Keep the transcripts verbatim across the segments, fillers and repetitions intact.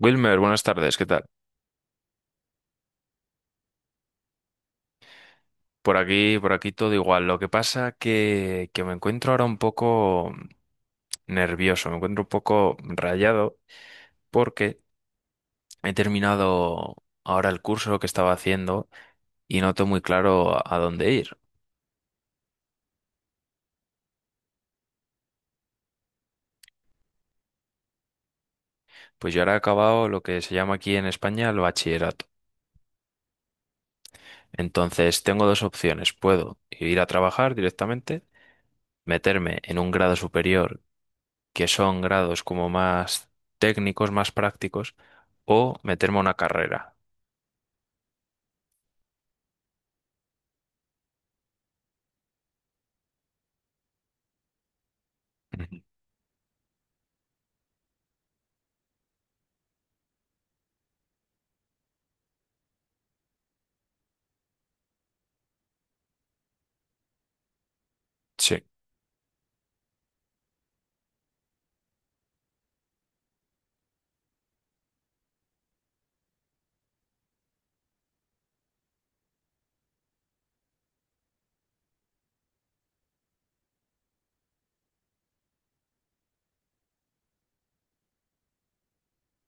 Wilmer, buenas tardes, ¿qué tal? Por aquí, por aquí todo igual. Lo que pasa que, que me encuentro ahora un poco nervioso, me encuentro un poco rayado porque he terminado ahora el curso que estaba haciendo y no tengo muy claro a a dónde ir. Pues yo ahora he acabado lo que se llama aquí en España el bachillerato. Entonces tengo dos opciones. Puedo ir a trabajar directamente, meterme en un grado superior que son grados como más técnicos, más prácticos, o meterme a una carrera. Ujú. Sí.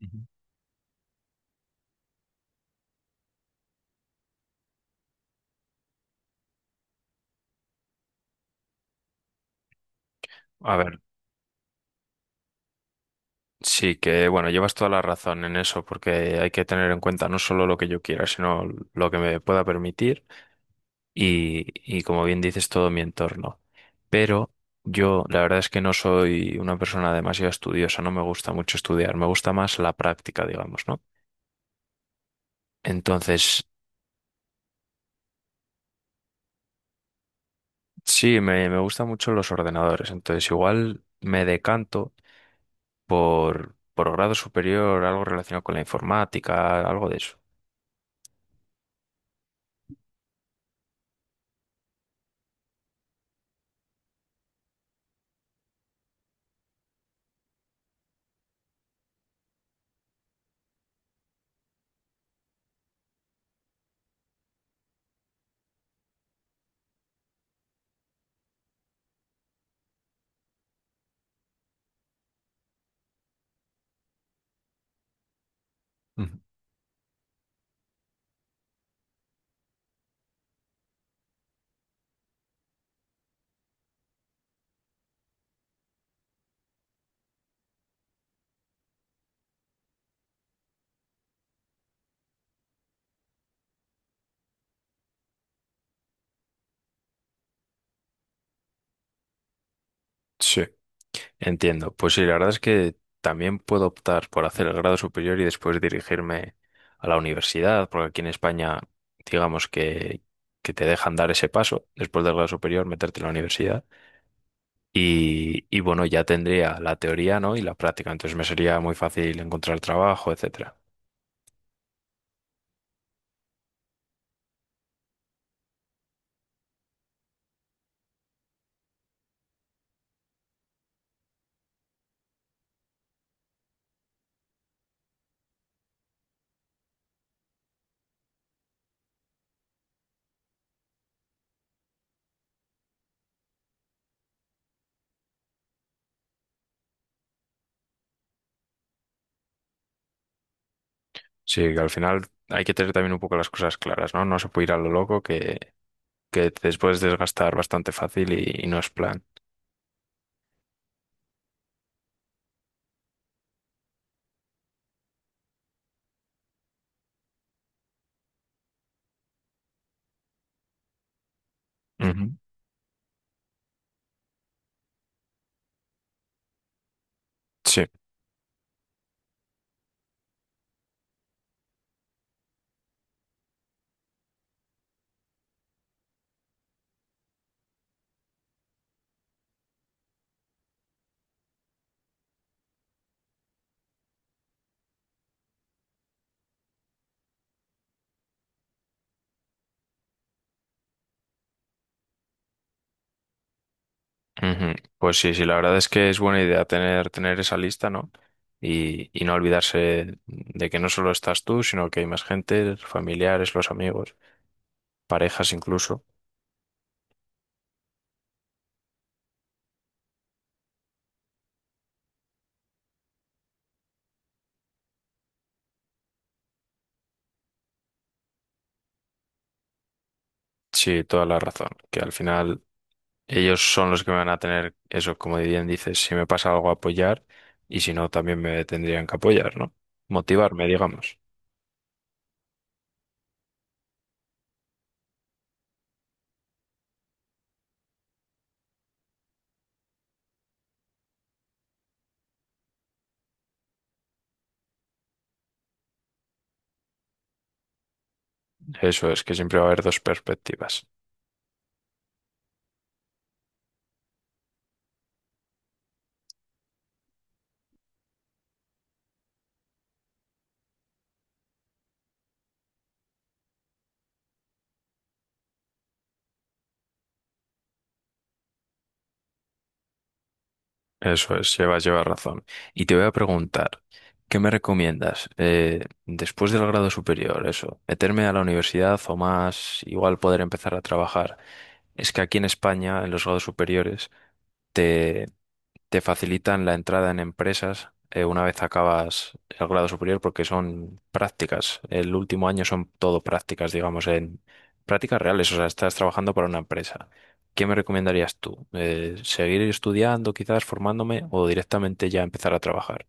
Ujú. A ver, sí que, bueno, llevas toda la razón en eso, porque hay que tener en cuenta no solo lo que yo quiera, sino lo que me pueda permitir y, y como bien dices, todo mi entorno. Pero yo, la verdad es que no soy una persona demasiado estudiosa, no me gusta mucho estudiar, me gusta más la práctica, digamos, ¿no? Entonces, sí, me, me gustan mucho los ordenadores, entonces igual me decanto por, por grado superior, algo relacionado con la informática, algo de eso. Ujú. Sí. Entiendo. Pues sí, la verdad es que también puedo optar por hacer el grado superior y después dirigirme a la universidad, porque aquí en España, digamos que, que te dejan dar ese paso después del grado superior, meterte en la universidad. Y, y bueno, ya tendría la teoría, ¿no?, y la práctica, entonces me sería muy fácil encontrar trabajo, etcétera. Sí, que al final hay que tener también un poco las cosas claras, ¿no? No se puede ir a lo loco, que, que te puedes desgastar bastante fácil y, y no es plan. Ujú. Sí, ujú. Pues sí, sí, la verdad es que es buena idea tener, tener esa lista, ¿no? Y, y no olvidarse de que no solo estás tú, sino que hay más gente, familiares, los amigos, parejas incluso. Sí, toda la razón, que al final ellos son los que me van a tener eso, como bien dices, si me pasa algo apoyar y si no, también me tendrían que apoyar, ¿no? Motivarme, digamos. Eso es, que siempre va a haber dos perspectivas. Eso es, llevas, llevas razón. Y te voy a preguntar, ¿qué me recomiendas? Eh, después del grado superior, eso, meterme a la universidad o más, igual poder empezar a trabajar. Es que aquí en España, en los grados superiores, te, te facilitan la entrada en empresas eh, una vez acabas el grado superior porque son prácticas. El último año son todo prácticas, digamos, en prácticas reales, o sea, estás trabajando para una empresa. ¿Qué me recomendarías tú? Eh, ¿seguir estudiando, quizás formándome, o directamente ya empezar a trabajar?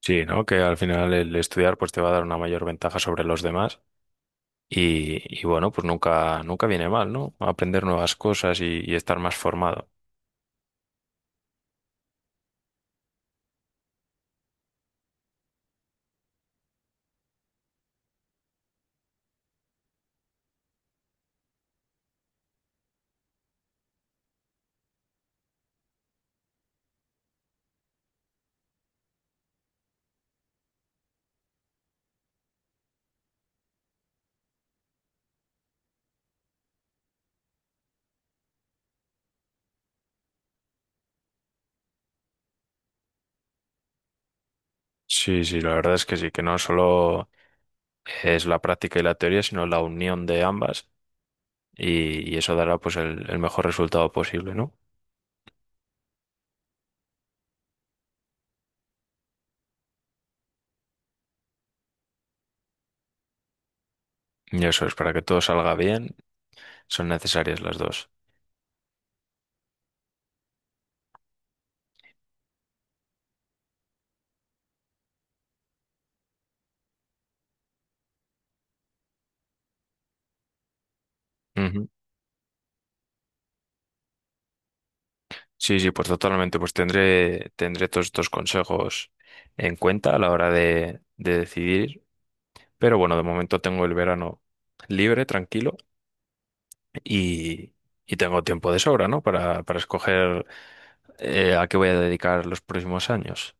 Sí, ¿no? Que al final el estudiar pues te va a dar una mayor ventaja sobre los demás y, y bueno, pues nunca, nunca viene mal, ¿no? Aprender nuevas cosas y, y estar más formado. Sí, sí, la verdad es que sí, que no solo es la práctica y la teoría, sino la unión de ambas y, y eso dará pues el, el mejor resultado posible, ¿no? Y eso es, para que todo salga bien, son necesarias las dos. Ujú. Sí, sí, pues totalmente, pues tendré, tendré todos estos consejos en cuenta a la hora de, de decidir. Pero bueno, de momento tengo el verano libre, tranquilo, y, y tengo tiempo de sobra, ¿no? Para, para escoger eh, a qué voy a dedicar los próximos años.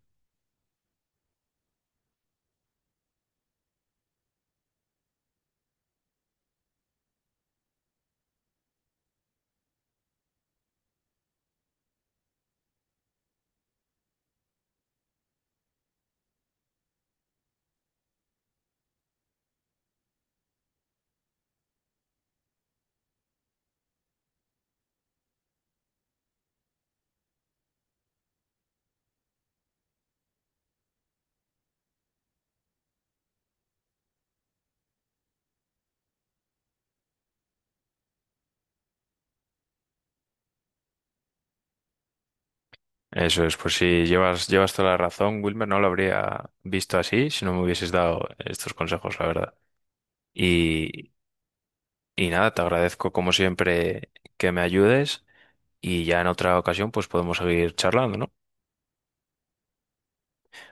Eso es, pues sí, llevas, llevas toda la razón, Wilmer, no lo habría visto así si no me hubieses dado estos consejos, la verdad. Y, y nada, te agradezco como siempre que me ayudes, y ya en otra ocasión pues podemos seguir charlando, ¿no?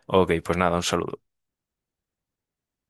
Ok, pues nada, un saludo.